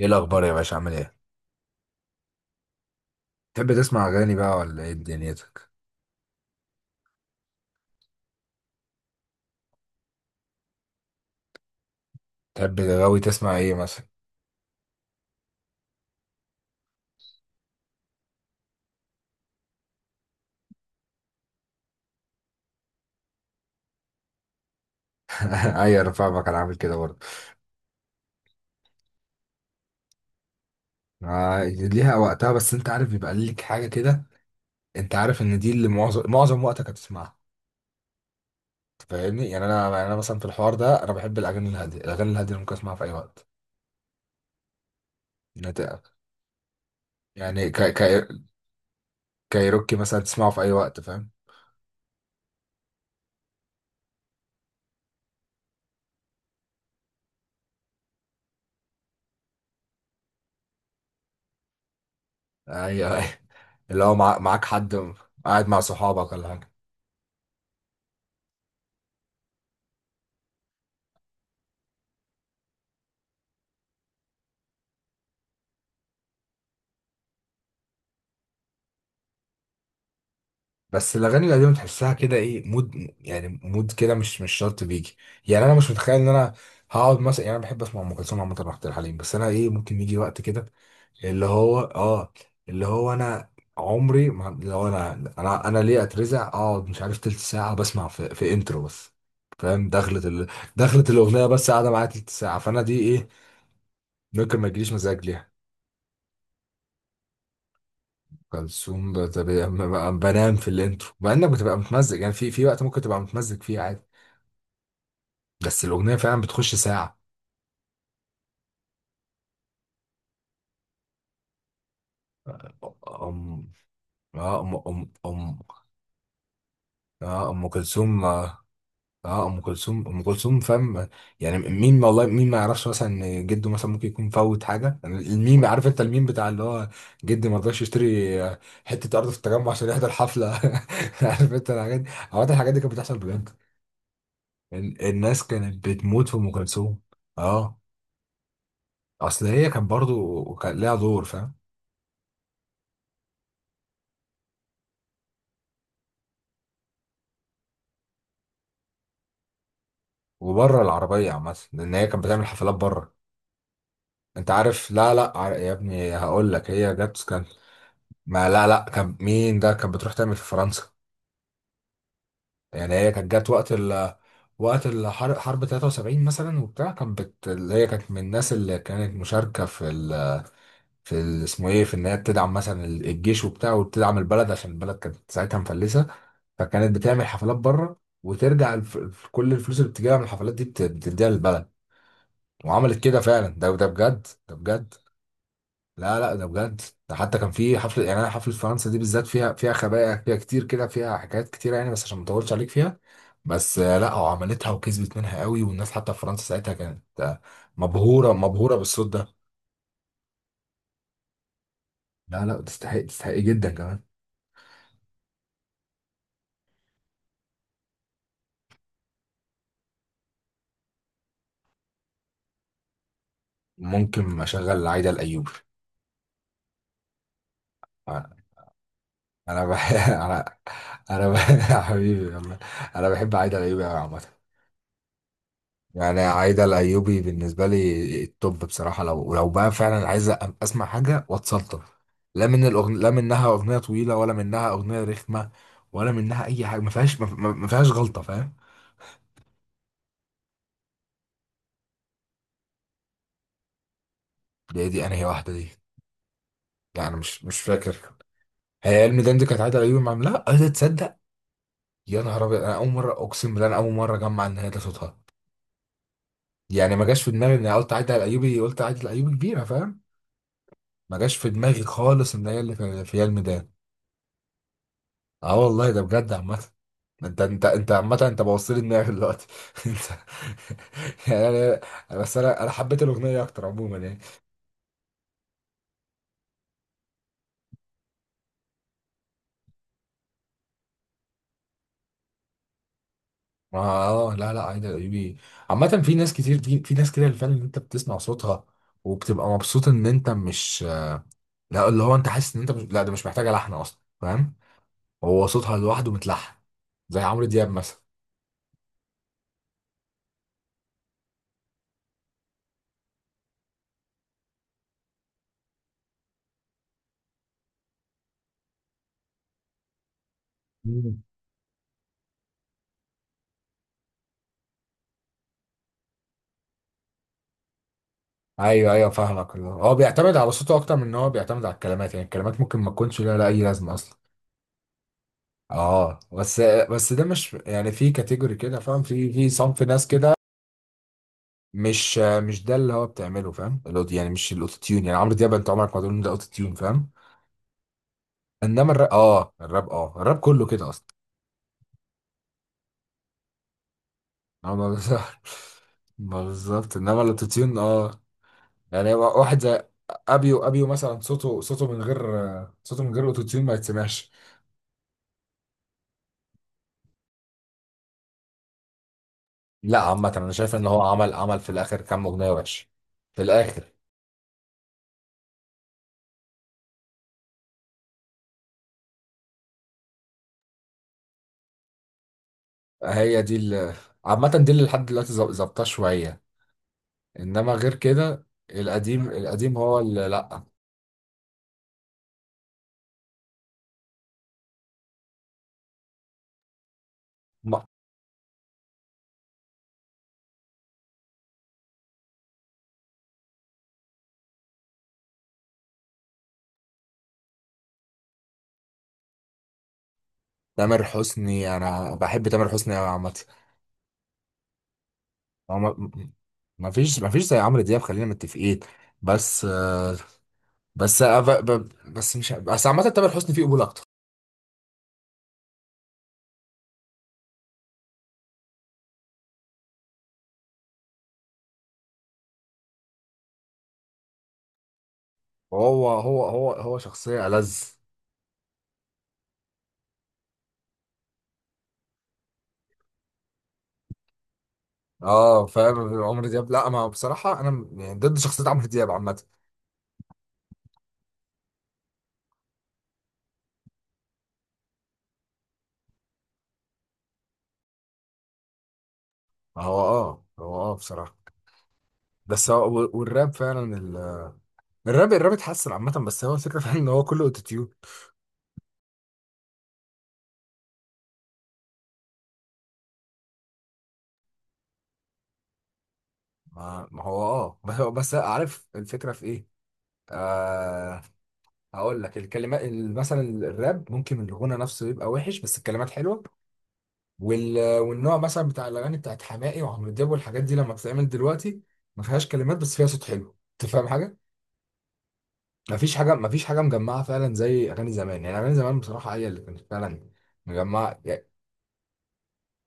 ايه الاخبار يا باشا؟ عامل ايه؟ تحب تسمع اغاني بقى ولا ايه دنيتك؟ تحب غاوي تسمع ايه مثلا؟ اي، انا فاهمك، انا عامل كده برضه. آه، ليها وقتها، بس انت عارف بيبقى ليك حاجه كده، انت عارف ان دي اللي معظم وقتك هتسمعها. فاهمني؟ يعني انا مثلا في الحوار ده انا بحب الاغاني الهاديه، الاغاني الهاديه اللي ممكن اسمعها في اي وقت. نت- يعني كايروكي مثلا تسمعه في اي وقت، فاهم؟ ايوه ايوه. اللي هو معاك حد قاعد مع صحابك ولا حاجه؟ بس الاغاني القديمه تحسها كده ايه مود، يعني مود كده مش شرط بيجي. يعني انا مش متخيل ان انا هقعد مثلا، يعني انا بحب اسمع ام كلثوم عامه وعبد الحليم، بس انا ايه، ممكن يجي وقت كده اللي هو اللي هو انا عمري ما، اللي هو انا، انا ليه اترزع اقعد مش عارف تلت ساعه بسمع في انترو بس. فاهم؟ دخلت الاغنيه بس قاعده معايا تلت ساعه، فانا دي ايه؟ ممكن ما يجيليش مزاج ليها. كلثوم بنام في الانترو، مع انك بتبقى متمزج، يعني في وقت ممكن تبقى متمزج فيه عادي. بس الأغنية فعلا بتخش ساعة. أم آه أم أم أم أم كلثوم. آه، أم كلثوم، أم كلثوم، فاهم؟ يعني مين والله، مين ما يعرفش مثلا إن جده مثلا ممكن يكون فوت حاجة. يعني الميم، عارف أنت الميم بتاع اللي هو جدي ما رضاش يشتري، حتة أرض في التجمع عشان يحضر حفلة. عارف أنت الحاجات دي؟ عامة الحاجات دي كانت بتحصل بجد. الناس كانت بتموت في أم كلثوم. أه، أصل هي كان برضو كان ليها دور، فاهم؟ وبره العربية عامة، لأن هي كانت بتعمل حفلات بره. انت عارف، لا لا، يا ابني هقول لك هي جت كان، ما لا لا، كان مين ده، كانت بتروح تعمل في فرنسا. يعني هي كانت جت وقت ال، وقت الحرب، حرب 73 مثلا وبتاع، كانت اللي هي كانت من الناس اللي كانت مشاركه اسمه ايه، في ان هي بتدعم مثلا الجيش وبتاع، وبتدعم البلد عشان البلد كانت ساعتها مفلسه. فكانت بتعمل حفلات بره وترجع كل الفلوس اللي بتجيبها من الحفلات دي بتديها للبلد، وعملت كده فعلا. ده بجد، ده بجد. لا لا، ده بجد. ده حتى كان في حفله، يعني انا حفله فرنسا دي بالذات فيها خبايا، فيها كتير كده، فيها حكايات كتيره، يعني بس عشان ما اطولش عليك فيها. بس آه، لا هو عملتها وكسبت منها قوي، والناس حتى في فرنسا ساعتها كانت آه، مبهوره مبهوره بالصوت ده. لا لا، تستحق، تستحق جدا كمان. ممكن اشغل عايده الايوبي. انا بح... انا انا بح... حبيبي والله، انا بحب عايده الايوبي قوي عامه. يعني عايدة الأيوبي بالنسبة لي التوب. بصراحة لو بقى فعلا عايز أسمع حاجة واتسلطن، لا لا منها أغنية طويلة، ولا منها أغنية رخمة، ولا منها أي حاجة، ما فيهاش، ما فيهاش غلطة، فاهم. دي أنا هي واحدة دي، لا أنا مش فاكر. هي علم دندي كانت عايدة الأيوبي، مع لا عايزة تصدق. يا نهار أبيض، أنا أول مرة أقسم بالله، أنا أول مرة أجمع إن هي ده صوتها. يعني ما جاش في دماغي إن أنا قلت عايدة الأيوبي، قلت عايدة الأيوبي كبيرة، فاهم؟ ما جاش في دماغي خالص إن هي اللي في علم. اه والله، ده بجد عامة. انت عامة، انت بوصل لي دماغي دلوقتي انت. يعني انا بس انا حبيت الاغنية اكتر عموما يعني. لا لا، عايدة الايوبي عامة في ناس كتير، في ناس كده اللي فعلا انت بتسمع صوتها وبتبقى مبسوط ان انت مش، لا اللي هو انت حاسس ان انت مش... لا ده مش محتاجة لحن اصلا، فاهم. هو صوتها لوحده متلحن، زي عمرو دياب مثلا. مم. ايوه ايوه، فاهمك. اللي هو هو بيعتمد على صوته اكتر من ان هو بيعتمد على الكلمات، يعني الكلمات ممكن ما تكونش لها لا اي لازمة اصلا. اه، بس ده مش يعني في كاتيجوري كده، فاهم؟ في في صنف ناس كده، مش ده اللي هو بتعمله، فاهم؟ يعني مش الاوتو تيون، يعني عمرو دياب انت عمرك ما تقول إن ده اوتو تيون، فاهم؟ انما الراب اه، الراب اه، الراب كله كده اصلا. آه، ما بز- ما بالظبط، انما الاوتو تيون اه. يعني واحد زي ابيو، ابيو مثلا صوته، صوته من غير اوتو تيون ما يتسمعش. لا عامة انا شايف ان هو عمل في الاخر كام اغنية وحش في الاخر. هي دي ال، عامة دي اللي لحد دلوقتي ظابطاه شوية. إنما غير كده، القديم، القديم هو اللي لأ. ما- تامر حسني، أنا بحب تامر حسني أوي عامة. هو ما م- ما فيش، ما فيش زي عمرو دياب، خلينا متفقين. بس بس أنا ب- ب- بس مش بس، عامة تامر حسني فيه قبول أكتر. هو شخصية ألذ. اه فاهم. عمرو دياب، لا ما بصراحة أنا يعني ضد شخصية عمرو دياب عامة. هو اه، هو اه بصراحة بس هو والراب فعلا، الراب، الراب اتحسن عامة، بس هو الفكرة فعلا ان هو كله اوتوتيون. ما هو اه، بس عارف الفكرة في ايه؟ آه، هقول لك الكلمات، مثلا الراب ممكن الغنى نفسه يبقى وحش بس الكلمات حلوة. والنوع مثلا بتاع الاغاني بتاعت حماقي وعمرو دياب والحاجات دي لما بتتعمل دلوقتي ما فيهاش كلمات، بس فيها صوت حلو. انت فاهم حاجة؟ ما فيش حاجة، ما فيش حاجة مجمعة فعلا زي اغاني زمان، يعني اغاني زمان بصراحة هي اللي كانت فعلا مجمعة،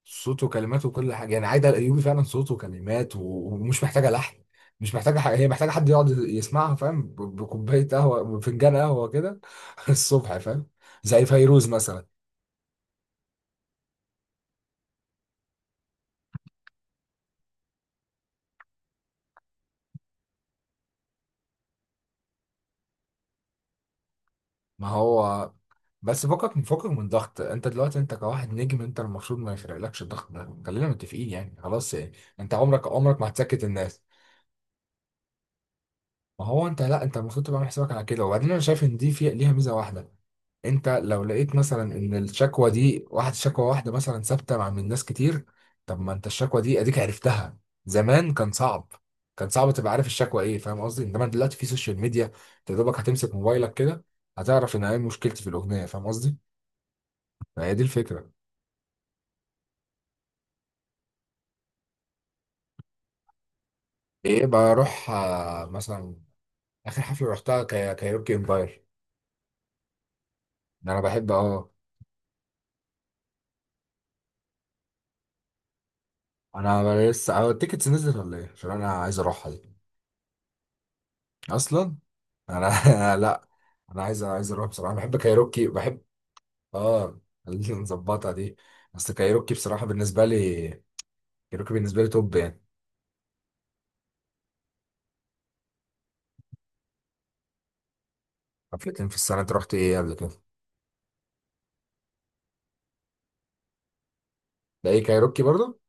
صوته وكلماته وكل حاجه. يعني عايده الايوبي فعلا، صوته وكلمات و، ومش محتاجه لحن، مش محتاجه حاجه، هي محتاجه حد يقعد يسمعها، فاهم؟ بكوبايه قهوه، بفنجان قهوه كده الصبح، فاهم؟ زي فيروز مثلا. ما هو بس فكك، من ضغط. انت دلوقتي انت كواحد نجم، انت المفروض ما يفرقلكش الضغط ده، خلينا متفقين يعني خلاص يعني. انت عمرك ما هتسكت الناس. ما هو انت، لا انت المفروض تبقى عامل حسابك على كده، وبعدين انا شايف ان دي في ليها ميزه واحده. انت لو لقيت مثلا ان الشكوى دي واحد، شكوى واحده مثلا ثابته مع من ناس كتير، طب ما انت الشكوى دي اديك عرفتها. زمان كان صعب تبقى عارف الشكوى ايه، فاهم قصدي. انما دلوقتي في سوشيال ميديا، انت يا دوبك هتمسك موبايلك كده، هتعرف ان ايه مشكلتي في الاغنيه، فاهم قصدي؟ فهي دي الفكره. ايه، بروح آه، مثلا اخر حفله رحتها كايروكي امباير. ده انا بحب اه. انا لسه اه، التيكتس نزلت ولا ايه؟ عشان انا عايز اروحها دي اصلا. انا لا، انا عايز، انا عايز اروح بصراحه. بحب كايروكي، بحب اه. خلينا نظبطها دي. بس كايروكي بصراحه بالنسبه لي، كايروكي بالنسبه لي توب يعني. حفلتين في السنه؟ انت رحت ايه قبل كده؟ ده ايه، كايروكي برضه؟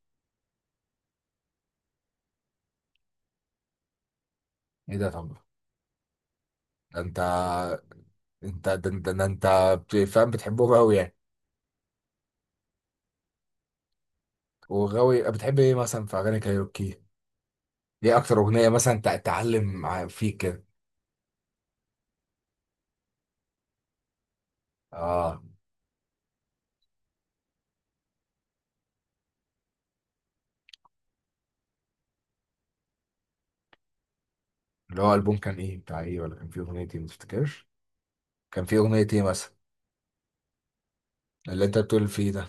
ايه ده، طب ده انت، انت، ده انت، فاهم، بتحبهم قوي يعني. وغاوي بتحب ايه مثلا في اغاني كايروكي؟ ايه اكتر اغنيه مثلا تعلم فيك كده؟ اه، اللي هو البوم كان ايه بتاع ايه، ولا كان فيه اغنيه ايه ما تفتكرش؟ كان فيه اغنيه ايه مثلا اللي انت بتقول فيه ده،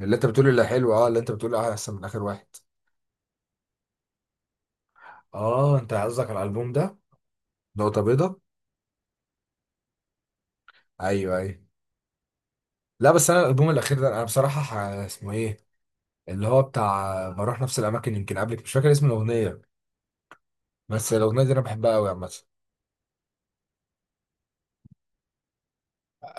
اللي انت بتقول اللي حلو، اه اللي انت بتقول احسن من اخر واحد. اه انت قصدك على الالبوم ده. نقطة بيضة. ايوه ايوه. لا بس انا الالبوم الاخير ده انا بصراحة اسمه ايه، اللي هو بتاع بروح نفس الاماكن يمكن قبلك، مش فاكر اسم الاغنية، بس الاغنية دي انا بحبها قوي عامة.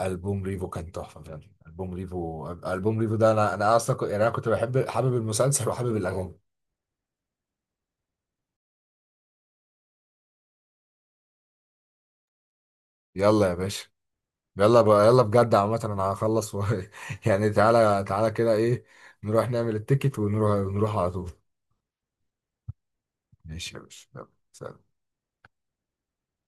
البوم ريفو كان تحفة فعلا، البوم ريفو، البوم ريفو ده انا، انا اصلا يعني انا كنت بحب، حابب المسلسل وحابب الاغاني. يلا يا باشا. يلا بجد، عامة انا هخلص و... يعني تعالى، تعالى كده ايه، نروح نعمل التيكت ونروح، نروح على طول. ماشي يا باشا، يلا سلام.